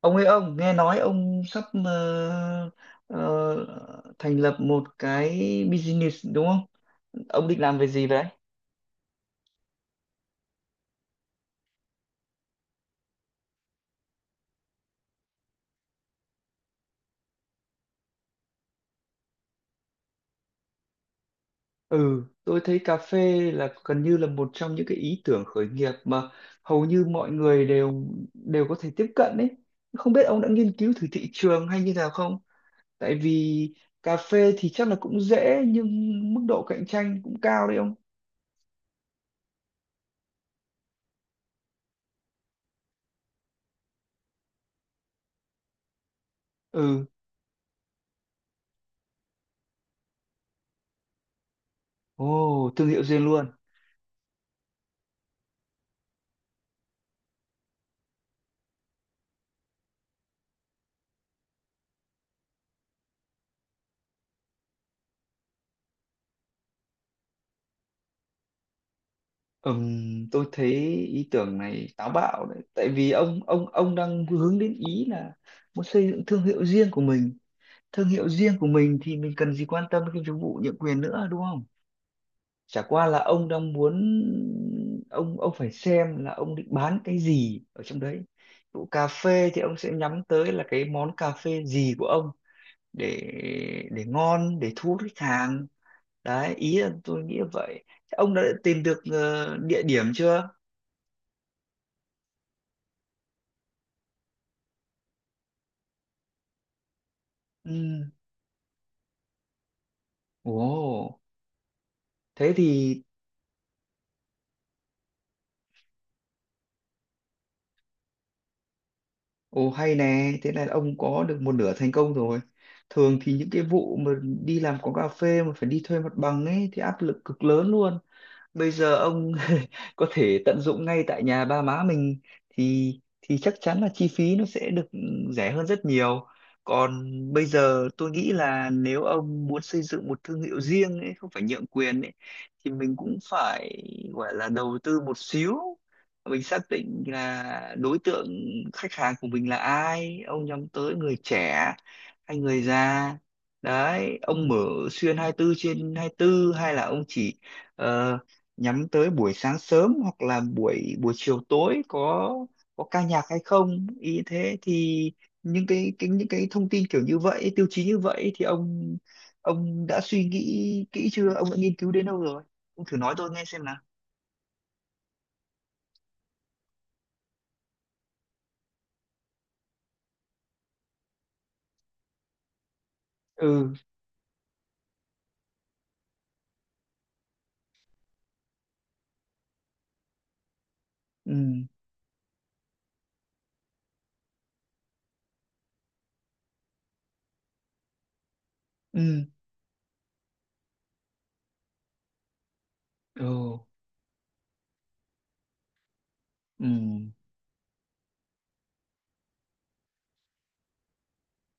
Ông ơi, ông nghe nói ông sắp ờ, thành lập một cái business, đúng không? Ông định làm về gì vậy? Ừ, tôi thấy cà phê là gần như là một trong những cái ý tưởng khởi nghiệp mà hầu như mọi người đều đều có thể tiếp cận đấy. Không biết ông đã nghiên cứu thử thị trường hay như nào không? Tại vì cà phê thì chắc là cũng dễ, nhưng mức độ cạnh tranh cũng cao đấy ông. Ừ. Ồ, thương hiệu riêng luôn. Tôi thấy ý tưởng này táo bạo đấy, tại vì ông đang hướng đến ý là muốn xây dựng thương hiệu riêng của mình. Thương hiệu riêng của mình thì mình cần gì quan tâm đến cái chức vụ nhượng quyền nữa, đúng không? Chả qua là ông đang muốn, ông phải xem là ông định bán cái gì ở trong đấy. Vụ cà phê thì ông sẽ nhắm tới là cái món cà phê gì của ông, để để ngon, để thu hút khách hàng. Đấy, ý là tôi nghĩ là vậy. Thế ông đã tìm được địa điểm chưa? Ừ. Ồ, thế thì. Ồ hay nè, thế là ông có được một nửa thành công rồi. Thường thì những cái vụ mà đi làm quán cà phê mà phải đi thuê mặt bằng ấy thì áp lực cực lớn luôn. Bây giờ ông có thể tận dụng ngay tại nhà ba má mình, thì chắc chắn là chi phí nó sẽ được rẻ hơn rất nhiều. Còn bây giờ tôi nghĩ là nếu ông muốn xây dựng một thương hiệu riêng ấy, không phải nhượng quyền ấy, thì mình cũng phải gọi là đầu tư một xíu. Mình xác định là đối tượng khách hàng của mình là ai, ông nhắm tới người trẻ hay người già. Đấy, ông mở xuyên 24 trên 24 hay là ông chỉ ờ, nhắm tới buổi sáng sớm hoặc là buổi buổi chiều tối, có ca nhạc hay không ý, thế thì những cái, những cái thông tin kiểu như vậy, tiêu chí như vậy thì ông đã suy nghĩ kỹ chưa, ông đã nghiên cứu đến đâu rồi, ông thử nói tôi nghe xem nào. Ừ. Ừ. Ừ. Ừ. Ừ.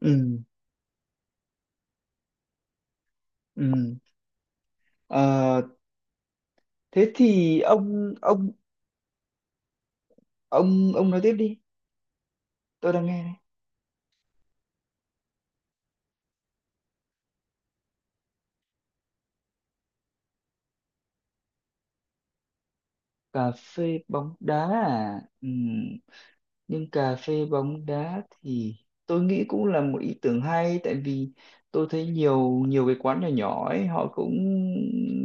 Ừ. Ừ. Ờ, thế thì ông nói tiếp đi, tôi đang nghe đây. Cà phê bóng đá à? Ừ. Nhưng cà phê bóng đá thì tôi nghĩ cũng là một ý tưởng hay, tại vì tôi thấy nhiều nhiều cái quán nhỏ nhỏ ấy họ cũng.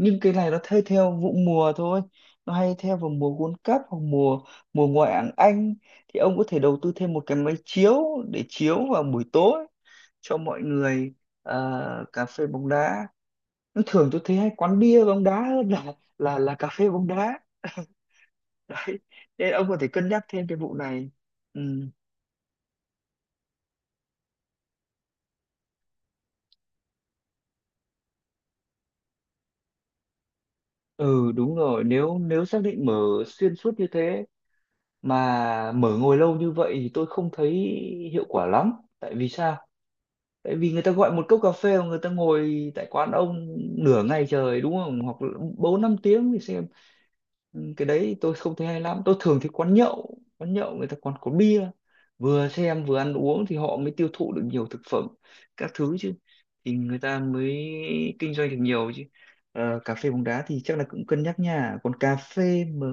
Nhưng cái này nó thay theo vụ mùa thôi, nó hay theo vào mùa World Cup hoặc mùa mùa ngoại hạng Anh, thì ông có thể đầu tư thêm một cái máy chiếu để chiếu vào buổi tối cho mọi người cà phê bóng đá. Nó thường, tôi thấy hay quán bia bóng đá hơn là là cà phê bóng đá, đấy, nên ông có thể cân nhắc thêm cái vụ này. Ừ. Ừ đúng rồi, nếu nếu xác định mở xuyên suốt như thế, mà mở ngồi lâu như vậy thì tôi không thấy hiệu quả lắm. Tại vì sao? Tại vì người ta gọi một cốc cà phê mà người ta ngồi tại quán ông nửa ngày trời, đúng không, hoặc là bốn năm tiếng thì xem. Ừ, cái đấy tôi không thấy hay lắm. Tôi thường thấy quán nhậu, người ta còn có bia, vừa xem vừa ăn uống thì họ mới tiêu thụ được nhiều thực phẩm các thứ chứ, thì người ta mới kinh doanh được nhiều chứ. Ờ, cà phê bóng đá thì chắc là cũng cân nhắc nha. Còn cà phê mà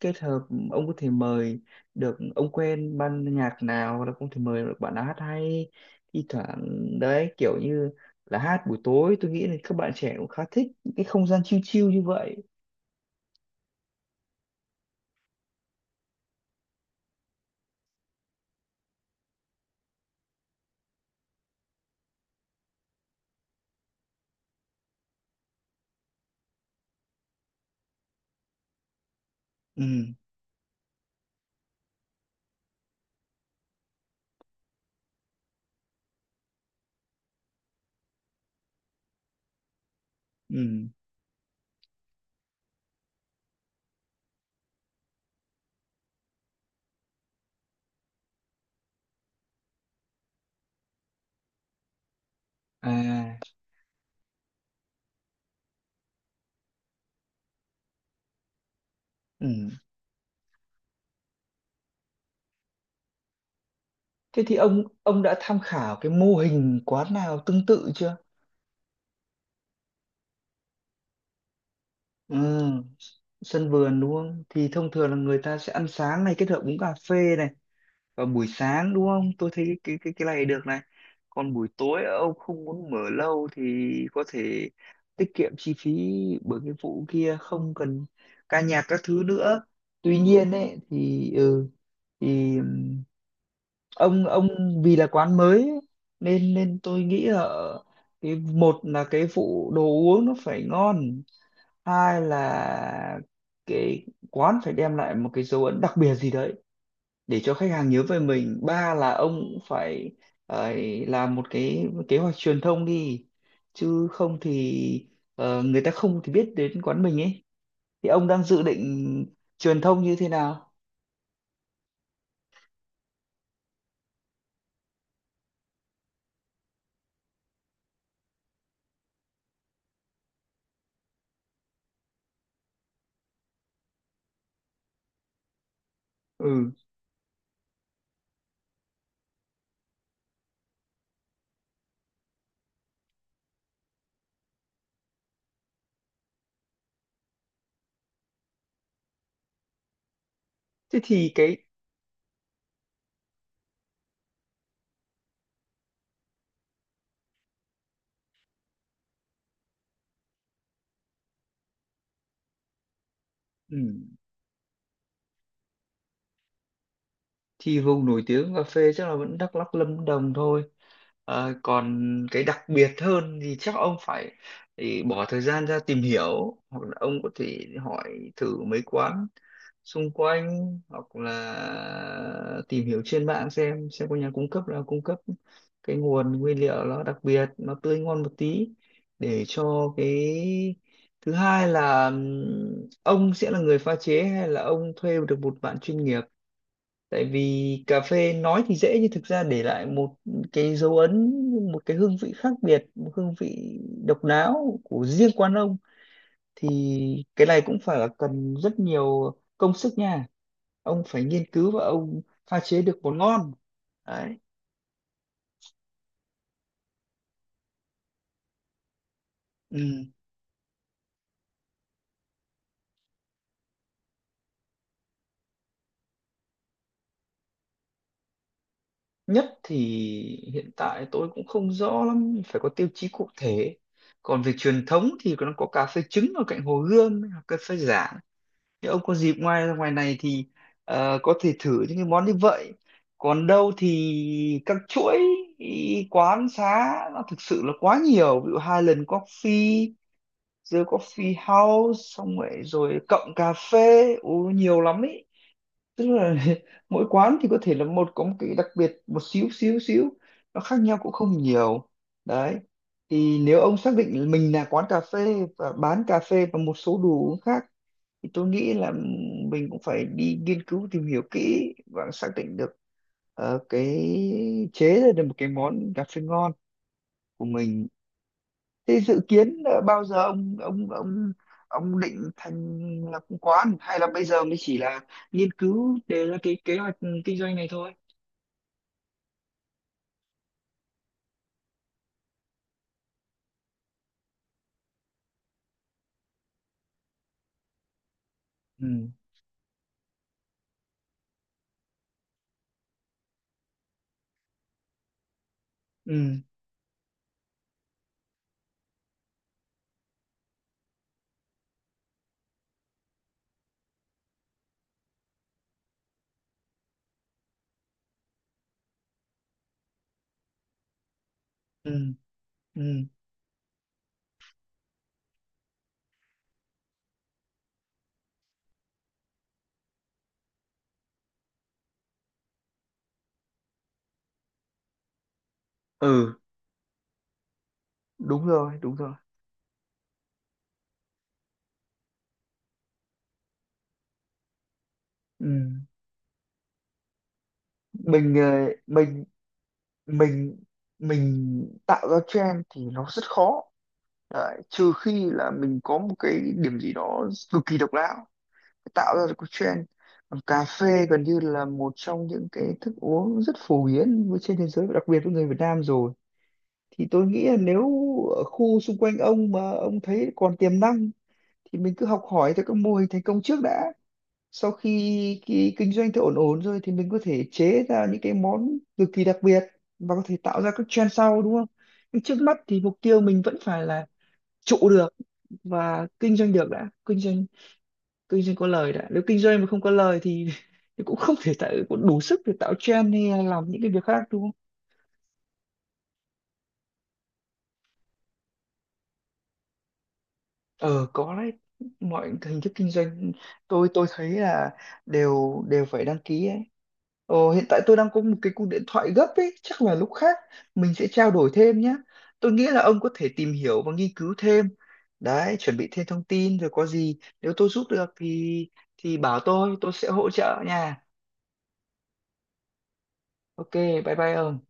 kết hợp, ông có thể mời được, ông quen ban nhạc nào hoặc là không thể mời được bạn nào hát hay thi thoảng đấy, kiểu như là hát buổi tối, tôi nghĩ là các bạn trẻ cũng khá thích những cái không gian chill chill như vậy. Ừ. Ừ. À, ừ. Thế thì ông đã tham khảo cái mô hình quán nào tương tự chưa? Ừ, sân vườn đúng không? Thì thông thường là người ta sẽ ăn sáng này kết hợp uống cà phê này vào buổi sáng đúng không? Tôi thấy cái này được này. Còn buổi tối ông không muốn mở lâu thì có thể tiết kiệm chi phí, bởi cái vụ kia không cần ca nhạc các thứ nữa. Tuy nhiên ấy thì ừ, thì ông vì là quán mới ấy, nên nên tôi nghĩ là cái, một là cái phụ đồ uống nó phải ngon, hai là cái quán phải đem lại một cái dấu ấn đặc biệt gì đấy để cho khách hàng nhớ về mình, ba là ông cũng phải ờ, làm một cái kế hoạch truyền thông đi, chứ không thì người ta không thì biết đến quán mình ấy. Thì ông đang dự định truyền thông như thế nào? Ừ, thế thì cái. Ừ. Thì vùng nổi tiếng cà phê chắc là vẫn Đắk Lắk, Lâm Đồng thôi. Ờ, còn cái đặc biệt hơn thì chắc ông phải, thì bỏ thời gian ra tìm hiểu, hoặc là ông có thể hỏi thử mấy quán xung quanh, hoặc là tìm hiểu trên mạng xem có nhà cung cấp là cung cấp cái nguồn nguyên liệu nó đặc biệt, nó tươi ngon một tí, để cho cái, thứ hai là ông sẽ là người pha chế hay là ông thuê được một bạn chuyên nghiệp. Tại vì cà phê nói thì dễ nhưng thực ra để lại một cái dấu ấn, một cái hương vị khác biệt, một hương vị độc đáo của riêng quán ông, thì cái này cũng phải là cần rất nhiều công sức nha. Ông phải nghiên cứu và ông pha chế được món ngon đấy. Ừ. Nhất thì hiện tại tôi cũng không rõ lắm, phải có tiêu chí cụ thể. Còn về truyền thống thì nó có cà phê trứng ở cạnh Hồ Gươm, cà phê giả. Nếu ông có dịp ngoài ngoài này thì có thể thử những cái món như vậy. Còn đâu thì các chuỗi ý, quán xá nó thực sự là quá nhiều. Ví dụ Highland Coffee, The Coffee House, xong rồi rồi Cộng Cà Phê, Ú, nhiều lắm ý, tức là mỗi quán thì có thể là một có một cái đặc biệt một xíu xíu xíu, nó khác nhau cũng không nhiều, đấy. Thì nếu ông xác định mình là quán cà phê và bán cà phê và một số đồ uống khác, thì tôi nghĩ là mình cũng phải đi nghiên cứu tìm hiểu kỹ và xác định được cái, chế ra được một cái món cà phê ngon của mình. Thế dự kiến bao giờ ông định thành lập quán, hay là bây giờ mới chỉ là nghiên cứu đề ra cái kế hoạch kinh doanh này thôi? Ừ. Ừ. Ừ. Ừ. Ừ đúng rồi, đúng rồi. Ừ. Mình mình mình tạo ra trend thì nó rất khó. Đấy, trừ khi là mình có một cái điểm gì đó cực kỳ độc đáo tạo ra được cái trend. Còn cà phê gần như là một trong những cái thức uống rất phổ biến với- trên thế giới và đặc biệt với người Việt Nam rồi, thì tôi nghĩ là nếu ở khu xung quanh ông mà ông thấy còn tiềm năng, thì mình cứ học hỏi theo các mô hình thành công trước đã. Sau khi cái kinh doanh thì ổn ổn rồi thì mình có thể chế ra những cái món cực kỳ đặc biệt và có thể tạo ra các trend sau, đúng không? Nhưng trước mắt thì mục tiêu mình vẫn phải là trụ được và kinh doanh được đã, kinh doanh có lời đã. Nếu kinh doanh mà không có lời thì, thì cũng không thể tạo, cũng đủ sức để tạo trend hay là làm những cái việc khác, đúng không? Ờ có đấy, mọi hình thức kinh doanh tôi thấy là đều đều phải đăng ký ấy. Ờ, hiện tại tôi đang có một cái cuộc điện thoại gấp ấy, chắc là lúc khác mình sẽ trao đổi thêm nhé. Tôi nghĩ là ông có thể tìm hiểu và nghiên cứu thêm đấy, chuẩn bị thêm thông tin, rồi có gì nếu tôi giúp được thì bảo tôi, sẽ hỗ trợ nha. Ok. Bye bye ông.